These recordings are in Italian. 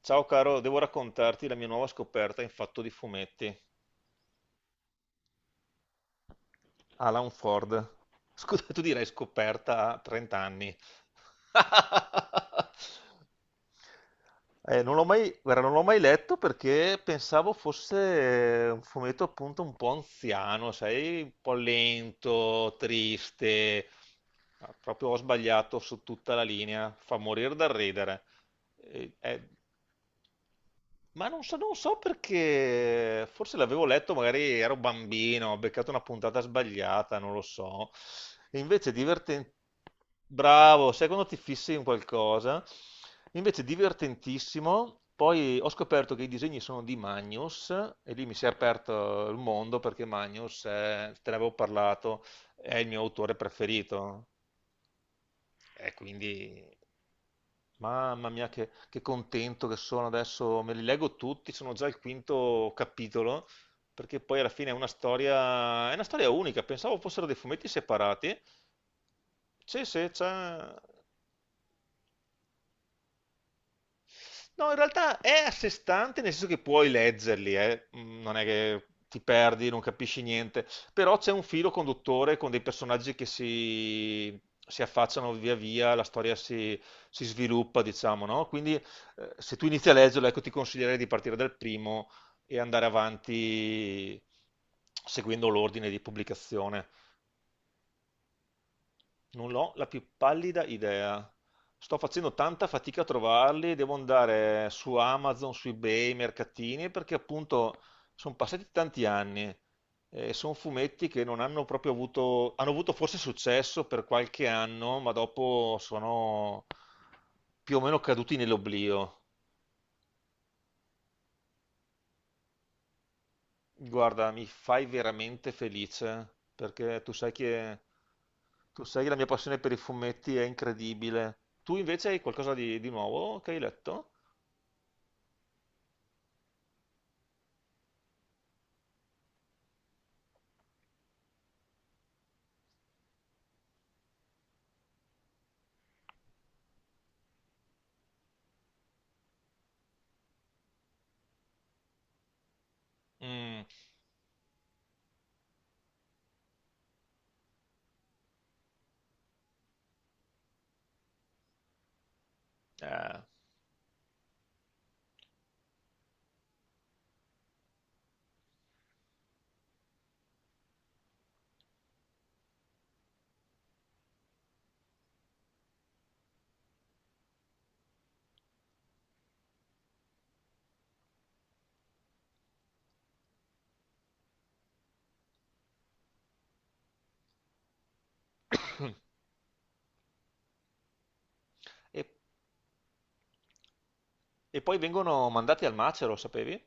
Ciao caro, devo raccontarti la mia nuova scoperta in fatto di fumetti. Alan Ford. Scusa, tu direi scoperta a 30 anni. Non l'ho mai, guarda, non l'ho mai letto perché pensavo fosse un fumetto appunto un po' anziano, sai, un po' lento, triste. Ma proprio ho sbagliato su tutta la linea. Fa morire dal ridere. Eh, eh, Ma non so perché, forse l'avevo letto, magari ero bambino, ho beccato una puntata sbagliata, non lo so. E invece divertente. Bravo, sai quando ti fissi in qualcosa? Invece divertentissimo, poi ho scoperto che i disegni sono di Magnus e lì mi si è aperto il mondo perché Magnus, te ne avevo parlato, è il mio autore preferito, e quindi. Mamma mia, che contento che sono adesso, me li leggo tutti, sono già al quinto capitolo, perché poi alla fine è una storia unica, pensavo fossero dei fumetti separati. Sì, sì, c'è. No, in realtà è a sé stante, nel senso che puoi leggerli, eh. Non è che ti perdi, non capisci niente, però c'è un filo conduttore con dei personaggi che si affacciano via via, la storia si sviluppa, diciamo, no? Quindi se tu inizi a leggerlo, ecco, ti consiglierei di partire dal primo e andare avanti seguendo l'ordine di pubblicazione. Non l'ho la più pallida idea. Sto facendo tanta fatica a trovarli, devo andare su Amazon, su eBay, mercatini, perché appunto sono passati tanti anni e sono fumetti che non hanno proprio avuto, hanno avuto forse successo per qualche anno, ma dopo sono più o meno caduti nell'oblio. Guarda, mi fai veramente felice perché tu sai che la mia passione per i fumetti è incredibile. Tu invece hai qualcosa di nuovo che hai letto? Mm, eh, E E poi vengono mandati al macero, sapevi?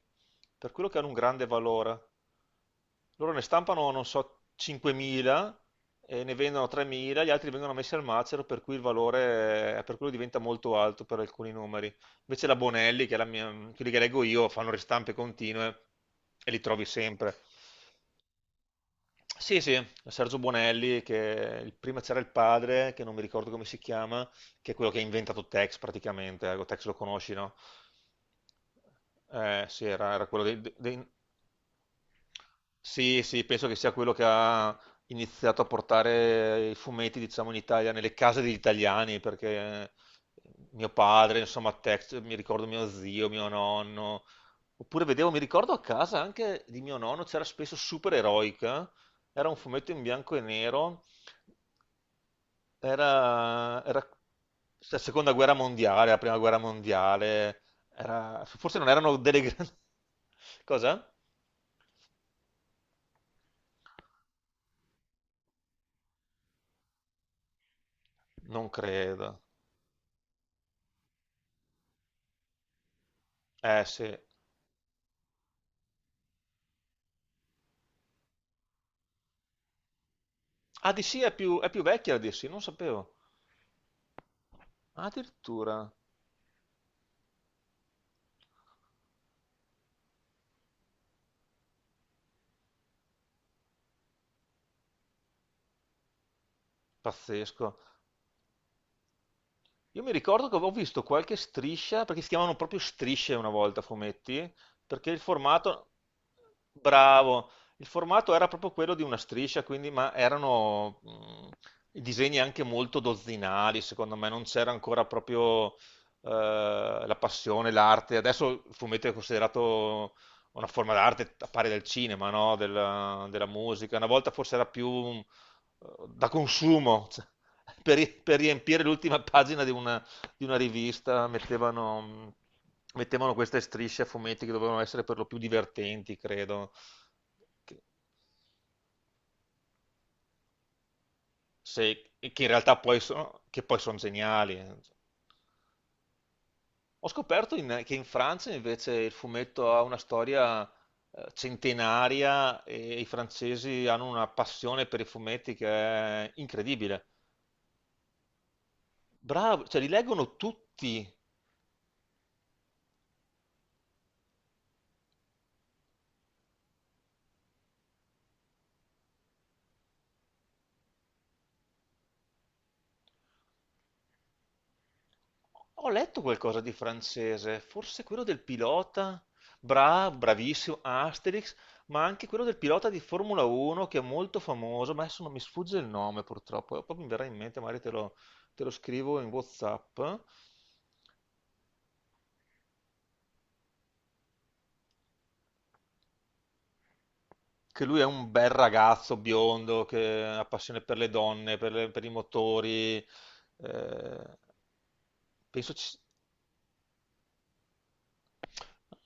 Per quello che hanno un grande valore. Loro ne stampano, non so, 5.000 e ne vendono 3.000, gli altri vengono messi al macero, per cui il valore, per quello diventa molto alto per alcuni numeri. Invece la Bonelli, che è la mia, quelli che leggo io, fanno ristampe continue e li trovi sempre. Sì, sì, Sergio Bonelli, che prima c'era il padre, che non mi ricordo come si chiama, che è quello che ha inventato Tex praticamente, ecco, Tex lo conosci, no? Sì, era quello dei. Sì, sì, penso che sia quello che ha iniziato a portare i fumetti, diciamo, in Italia, nelle case degli italiani, perché mio padre, insomma, Tex, mi ricordo mio zio, mio nonno, oppure vedevo, mi ricordo a casa anche di mio nonno, c'era spesso Super Eroica, era un fumetto in bianco e nero, era la seconda guerra mondiale, la prima guerra mondiale, forse non erano delle grandi. Cosa? Non credo. Eh sì. Ah, DC è più, vecchia la DC, non sapevo. Ah, addirittura. Pazzesco. Io mi ricordo che avevo visto qualche striscia, perché si chiamavano proprio strisce una volta, fumetti, perché il formato, bravo, il formato era proprio quello di una striscia, quindi, ma erano i disegni anche molto dozzinali, secondo me, non c'era ancora proprio la passione, l'arte. Adesso il fumetto è considerato una forma d'arte a pari del cinema, no? Della, della musica. Una volta forse era più da consumo. Per, per riempire l'ultima pagina di una, rivista mettevano queste strisce a fumetti che dovevano essere per lo più divertenti, credo, che, se- che in realtà poi sono geniali. Ho scoperto che in Francia invece il fumetto ha una storia centenaria e i francesi hanno una passione per i fumetti che è incredibile. Bravo, cioè li leggono tutti. Ho letto qualcosa di francese, forse quello del pilota, bravissimo, Asterix, ma anche quello del pilota di Formula 1 che è molto famoso, ma adesso non mi sfugge il nome purtroppo, poi mi verrà in mente, magari te lo scrivo in WhatsApp, che lui è un bel ragazzo biondo che ha passione per le donne, per, per i motori, penso ci-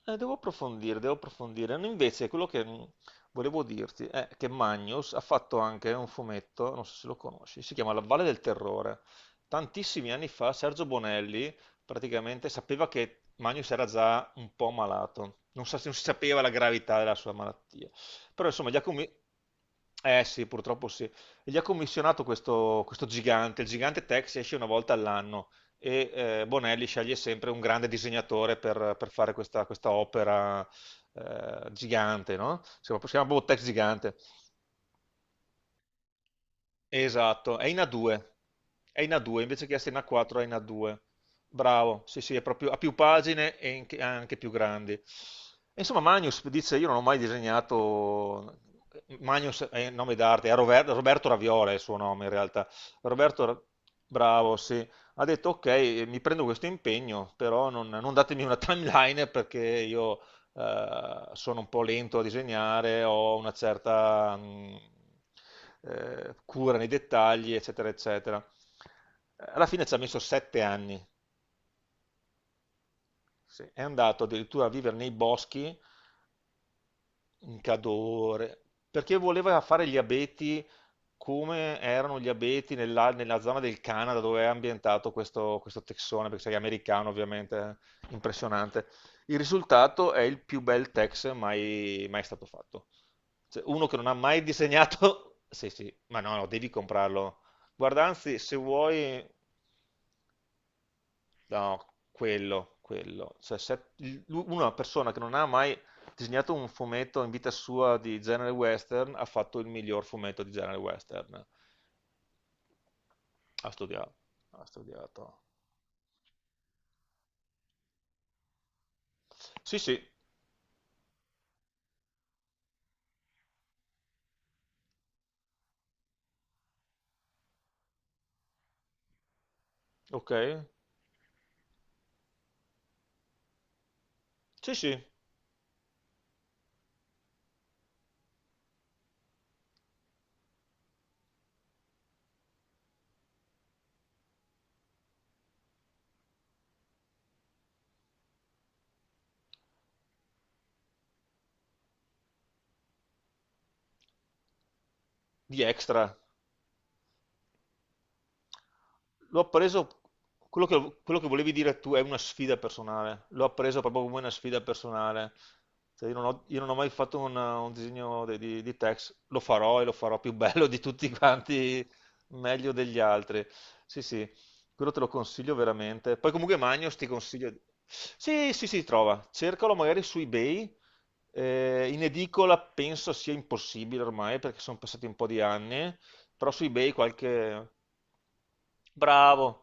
Devo approfondire, devo approfondire. No, invece, quello che volevo dirti è che Magnus ha fatto anche un fumetto, non so se lo conosci, si chiama La Valle del Terrore. Tantissimi anni fa Sergio Bonelli praticamente sapeva che Magnus era già un po' malato, non, non si sapeva la gravità della sua malattia. Però insomma, gli ha eh sì, purtroppo sì. Gli ha commissionato questo, questo gigante, il gigante Tex esce una volta all'anno e Bonelli sceglie sempre un grande disegnatore per fare questa, opera gigante, no? Si chiama proprio Tex Gigante. Esatto, è in A2, è in A2, invece che essere in A4 è in A2. Bravo, sì sì, è proprio, ha più pagine e anche più grandi. E insomma, Magnus dice, io non ho mai disegnato, Magnus è il nome d'arte, è Roberto Raviola è il suo nome in realtà. Roberto, bravo, sì, ha detto ok, mi prendo questo impegno, però non datemi una timeline perché io sono un po' lento a disegnare, ho una certa cura nei dettagli, eccetera, eccetera. Alla fine ci ha messo 7 anni, sì. È andato addirittura a vivere nei boschi, Un Cadore, perché voleva fare gli abeti come erano gli abeti nella, zona del Canada dove è ambientato questo texone, perché sei americano ovviamente, impressionante. Il risultato è il più bel tex mai, mai stato fatto. Cioè, uno che non ha mai disegnato, sì sì, ma no, no, devi comprarlo. Guarda, anzi, se vuoi. No, quello, quello. Cioè, se una persona che non ha mai disegnato un fumetto in vita sua di genere western ha fatto il miglior fumetto di genere western. Ha studiato. Ha studiato. Sì, sì, ok. Sì, sì, di extra. L'ho appreso, quello che volevi dire tu è una sfida personale, l'ho appreso proprio come una sfida personale. Cioè, io non ho mai fatto un disegno di text, lo farò e lo farò più bello di tutti quanti, meglio degli altri. Sì, sì, quello te lo consiglio veramente. Poi comunque Magnos ti consiglio. Sì, sì, sì, trova, cercalo magari su eBay. In edicola penso sia impossibile ormai perché sono passati un po' di anni, però su eBay qualche. Bravo!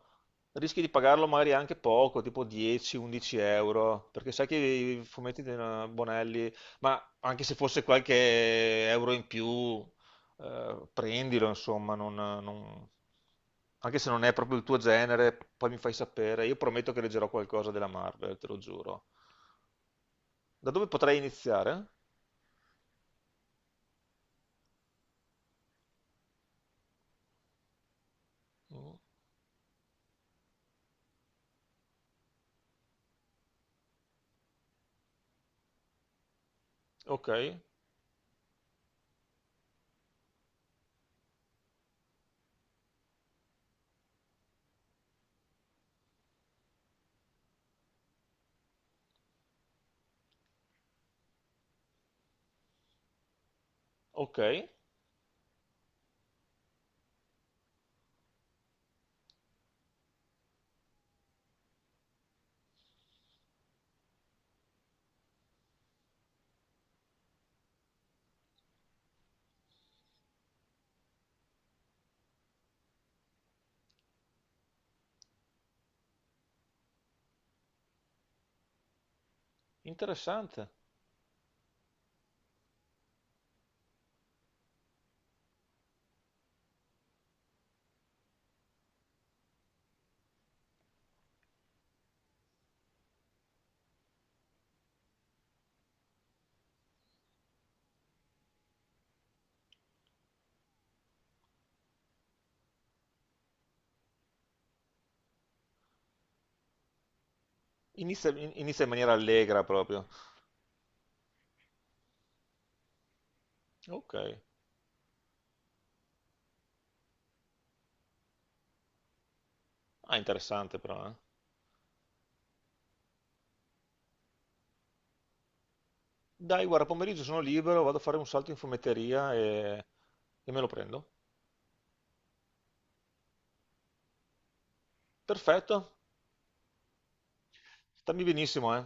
Rischi di pagarlo magari anche poco, tipo 10-11 euro, perché sai che i fumetti di Bonelli, ma anche se fosse qualche euro in più, prendilo, insomma, non- non- anche se non è proprio il tuo genere, poi mi fai sapere. Io prometto che leggerò qualcosa della Marvel, te lo giuro. Da dove potrei iniziare? Mm, ok, ok, interessante. Inizia, inizia in maniera allegra proprio. Ok. Ah, interessante però, eh. Dai, guarda, pomeriggio sono libero, vado a fare un salto in fumetteria e me lo prendo. Perfetto. Stammi benissimo, eh.